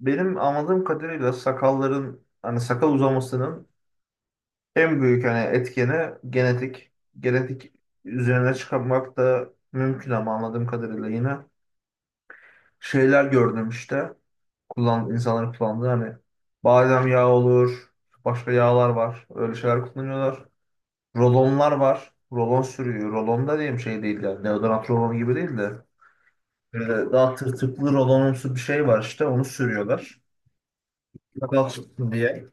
Benim anladığım kadarıyla sakalların sakal uzamasının en büyük etkeni genetik. Genetik üzerine çıkarmak da mümkün ama anladığım kadarıyla yine şeyler gördüm işte. Kullan, insanların kullandığı hani badem yağı olur, başka yağlar var. Öyle şeyler kullanıyorlar. Rolonlar var. Rolon sürüyor. Rolon da diyeyim şey değil yani. Deodorant rolonu gibi değil de. Böyle daha tırtıklı rolonumsu bir şey var işte onu sürüyorlar. Sakal çıksın diye.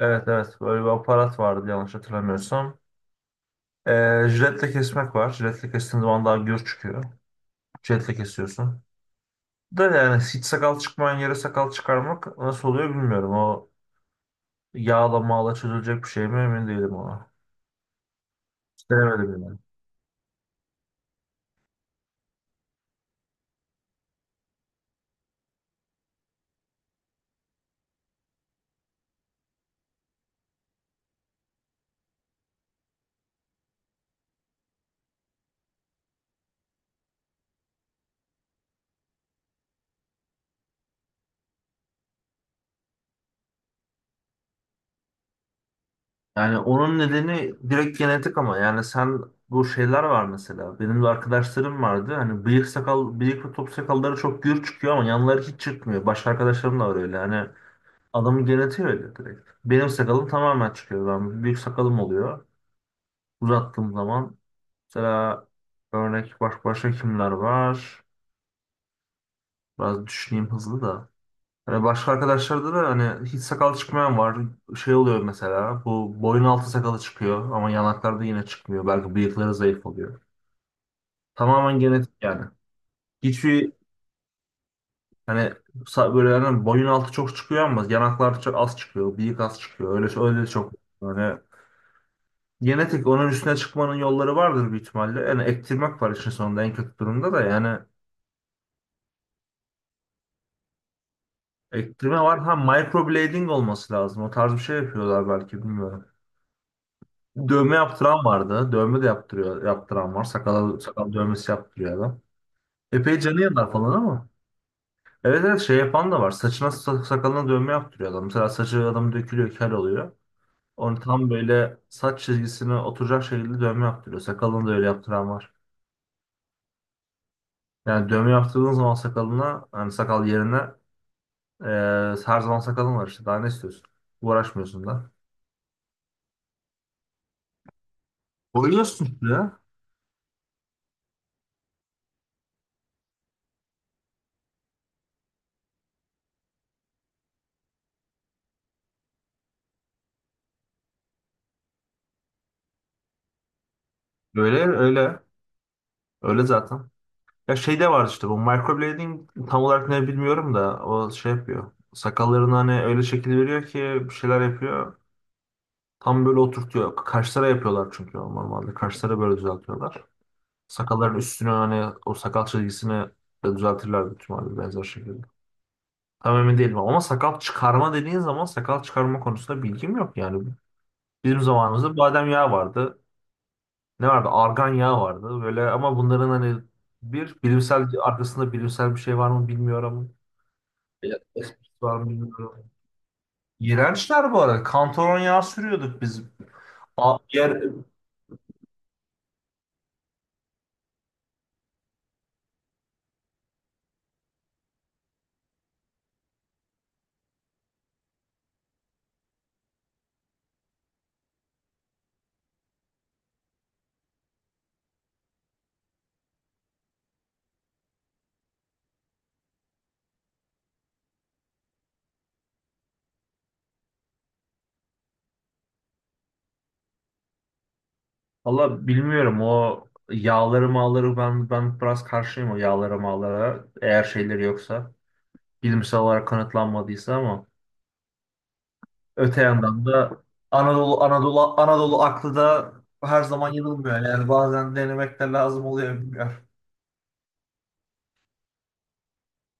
Evet evet, böyle bir aparat vardı yanlış hatırlamıyorsam. Jiletle kesmek var. Jiletle kestiğin zaman daha gür çıkıyor. Jiletle kesiyorsun. Da yani hiç sakal çıkmayan yere sakal çıkarmak nasıl oluyor bilmiyorum. O yağla mağla çözülecek bir şey mi emin değilim ona. Hiç denemedim yani. Yani onun nedeni direkt genetik, ama yani sen bu şeyler var mesela. Benim de arkadaşlarım vardı. Hani bıyık sakal, bıyık ve top sakalları çok gür çıkıyor ama yanları hiç çıkmıyor. Başka arkadaşlarım da var öyle. Hani adamı genetiği öyle direkt. Benim sakalım tamamen çıkıyor. Ben büyük sakalım oluyor. Uzattığım zaman mesela, örnek başka kimler var? Biraz düşüneyim hızlı da. Hani başka arkadaşlarda da hiç sakal çıkmayan var. Şey oluyor mesela, bu boyun altı sakalı çıkıyor ama yanaklarda yine çıkmıyor. Belki bıyıkları zayıf oluyor. Tamamen genetik yani. Hiçbir hani böyle hani boyun altı çok çıkıyor ama yanaklar çok az çıkıyor. Bıyık az çıkıyor. Öyle öyle çok. Yani genetik, onun üstüne çıkmanın yolları vardır büyük ihtimalle. Yani ektirmek var işin sonunda, en kötü durumda da yani ektirme var. Ha, microblading olması lazım. O tarz bir şey yapıyorlar belki, bilmiyorum. Dövme yaptıran vardı. Dövme de yaptırıyor, yaptıran var. Sakal, sakal dövmesi yaptırıyor adam. Epey canı yanar falan ama. Evet evet, şey yapan da var. Saçına sakalına dövme yaptırıyor adam. Mesela saçı adam dökülüyor, kel oluyor. Onu tam böyle saç çizgisine oturacak şekilde dövme yaptırıyor. Sakalını da öyle yaptıran var. Yani dövme yaptırdığın zaman sakalına, hani sakal yerine Ee, her zaman sakalın var işte. Daha ne istiyorsun? Uğraşmıyorsun da. Boyuyorsun işte ya. Öyle öyle. Öyle zaten. Ya şey de vardı işte, bu microblading tam olarak ne bilmiyorum da o şey yapıyor. Sakallarını hani öyle şekil veriyor ki bir şeyler yapıyor. Tam böyle oturtuyor. Kaşlara yapıyorlar çünkü normalde. Kaşları böyle düzeltiyorlar. Sakalların üstünü, hani o sakal çizgisini de düzeltirler büyük ihtimalle benzer şekilde. Tam emin değilim ama sakal çıkarma dediğin zaman sakal çıkarma konusunda bilgim yok yani. Bizim zamanımızda badem yağı vardı. Ne vardı? Argan yağı vardı. Böyle, ama bunların hani bir bilimsel arkasında bilimsel bir şey var mı bilmiyorum. Ya, esprisi var mı bilmiyorum. İğrençler bu arada. Kantaron yağı sürüyorduk biz. A- Yer, valla bilmiyorum, o yağları mağları ben biraz karşıyım o yağları mağlara, eğer şeyleri yoksa, bilimsel olarak kanıtlanmadıysa. Ama öte yandan da Anadolu aklı da her zaman yanılmıyor. Yani bazen denemek de lazım oluyor, bilmiyorum.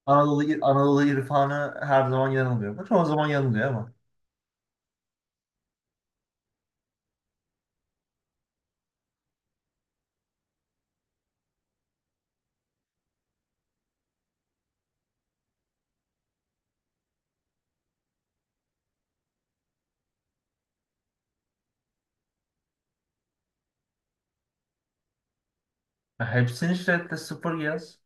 Anadolu irfanı her zaman yanılmıyor. Bu çoğu zaman yanılıyor ama. Ya, hepsini şiddetle sıfır yaz.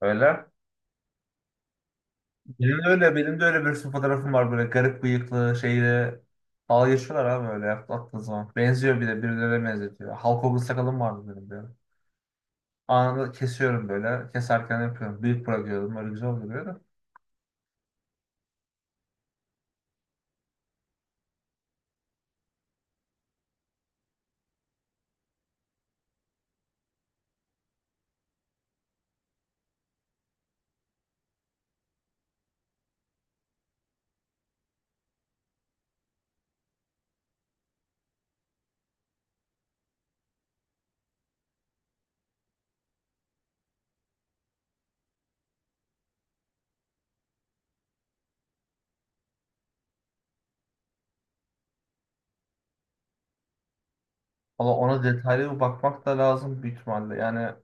Öyle. Benim de öyle, benim de öyle bir sürü fotoğrafım var böyle garip bıyıklı şeyle. Dalga geçiyorlar abi öyle atlattığı zaman. Benziyor, bir de birilerine benzetiyor. Hulk sakalım vardı benim böyle. Anında kesiyorum böyle. Keserken yapıyorum. Büyük bırakıyorum. Öyle güzel oluyor. Valla ona detaylı bir bakmak da lazım büyük ihtimalle. Yani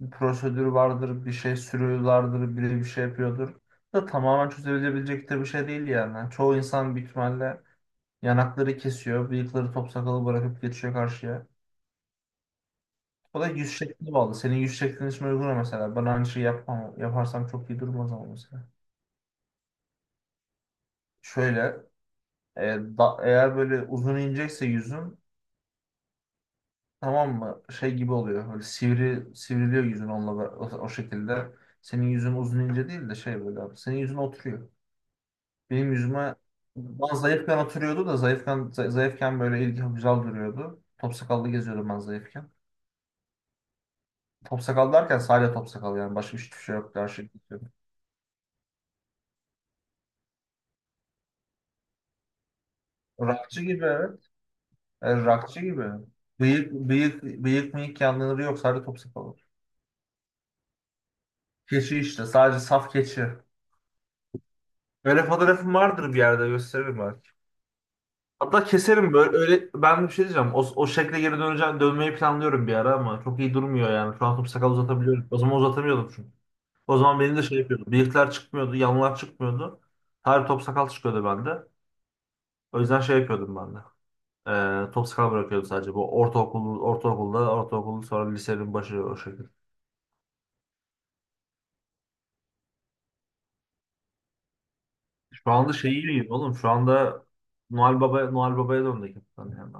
bir prosedür vardır, bir şey sürüyorlardır, biri bir şey yapıyordur. Da tamamen çözülebilecek de bir şey değil yani. Yani çoğu insan büyük ihtimalle yanakları kesiyor, bıyıkları top sakalı bırakıp geçiyor karşıya. O da yüz şekline bağlı. Senin yüz şeklin için uygun mu mesela. Ben aynı şeyi yapmam. Yaparsam çok iyi durmaz ama mesela. Şöyle, e, eğer böyle uzun inecekse yüzün, tamam mı? Şey gibi oluyor. Böyle sivriliyor yüzün onunla da, o şekilde. Senin yüzün uzun ince değil de şey böyle abi. Senin yüzün oturuyor. Benim yüzüme ben zayıfken oturuyordu da zayıfken zayıfken böyle ilgi güzel duruyordu. Top sakallı geziyordum ben zayıfken. Top sakal derken sadece top sakal yani. Başka hiçbir şey yoktu. Her şey geçiyordu. Rockçı gibi, evet. Rockçı gibi. Bıyık mıyık yanları yok. Sadece top sakal var. Keçi işte. Sadece saf keçi. Öyle fotoğrafım vardır, bir yerde gösteririm ben. Hatta keserim böyle, öyle ben bir şey diyeceğim. O şekle geri döneceğim, dönmeyi planlıyorum bir ara ama çok iyi durmuyor yani. Şu an top sakal uzatabiliyorum. O zaman uzatamıyordum çünkü. O zaman benim de şey yapıyordu. Bıyıklar çıkmıyordu, yanlar çıkmıyordu. Her top sakal çıkıyordu bende. O yüzden şey yapıyordum ben de. Top sakal bırakıyordum sadece. Bu ortaokul, sonra lisenin başı o şekilde. Şu anda şey iyiyim oğlum. Şu anda Noel Baba'ya döndük hepten yani.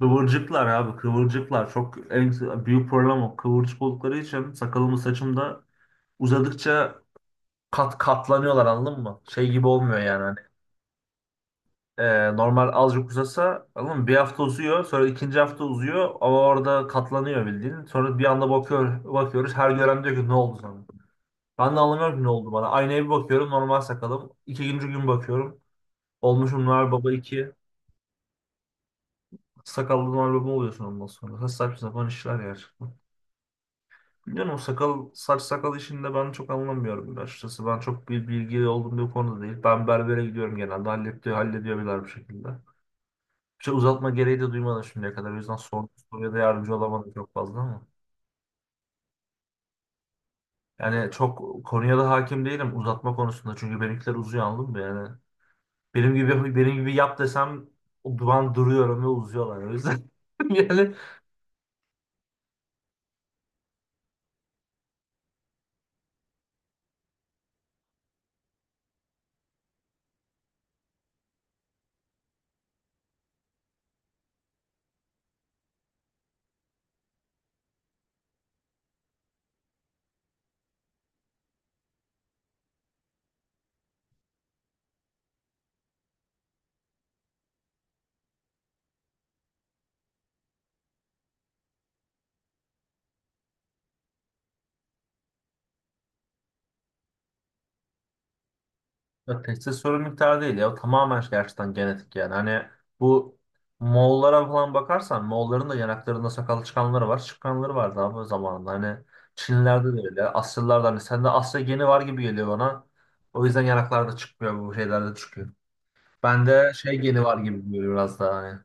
Kıvırcıklar abi, kıvırcıklar çok, en büyük problem o. Kıvırcık oldukları için sakalımı saçımda uzadıkça kat katlanıyorlar, anladın mı? Şey gibi olmuyor yani hani. Normal azıcık uzasa, anladın mı? Bir hafta uzuyor, sonra ikinci hafta uzuyor ama orada katlanıyor bildiğin. Sonra bir anda bakıyoruz, her gören diyor ki ne oldu sana? Ben de anlamıyorum ki ne oldu bana. Aynaya bir bakıyorum, normal sakalım. İkinci gün bakıyorum. Olmuşum Noel Baba 2. Sakallı Noel Baba oluyorsun ondan sonra. Saçma sapan işler ya. Bilmiyorum, o sakal sakal işinde ben çok anlamıyorum açıkçası. Ben çok bir bilgili olduğum bir konuda değil. Ben berbere gidiyorum genelde. Hallediyorlar bir şekilde. Bir şey uzatma gereği de duymadım şimdiye kadar. O yüzden sorduğum soruya da yardımcı olamadım çok fazla ama. Yani çok konuya da hakim değilim uzatma konusunda. Çünkü benimkiler uzuyor, anladın mı yani. Benim gibi yap desem o duvan duruyorum ve uzuyorlar. O yüzden yani. Ya, testis sorun miktarı değil ya. O tamamen şey, gerçekten genetik yani. Hani bu Moğollara falan bakarsan, Moğolların da yanaklarında sakal çıkanları var. Çıkanları vardı abi o zamanında. Hani Çinlilerde de öyle. Asyalılarda, hani sende Asya geni var gibi geliyor bana. O yüzden yanaklarda çıkmıyor, bu şeylerde çıkıyor. Bende şey geni var gibi geliyor biraz daha hani.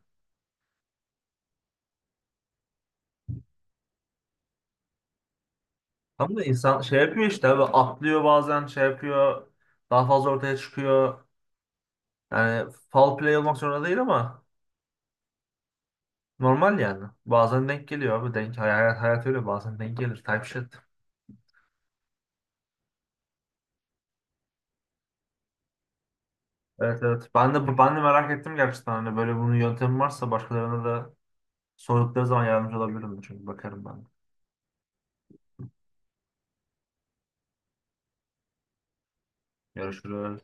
Tam da insan şey yapıyor işte abi, atlıyor bazen, şey yapıyor. Daha fazla ortaya çıkıyor. Yani foul play olmak zorunda değil ama normal yani. Bazen denk geliyor abi. Hayat, hayat öyle bazen denk gelir. Type shit. Evet evet. Ben de merak ettim gerçekten. Hani böyle bunun yöntemi varsa, başkalarına da sordukları zaman yardımcı olabilirim. Çünkü bakarım ben. Görüşürüz.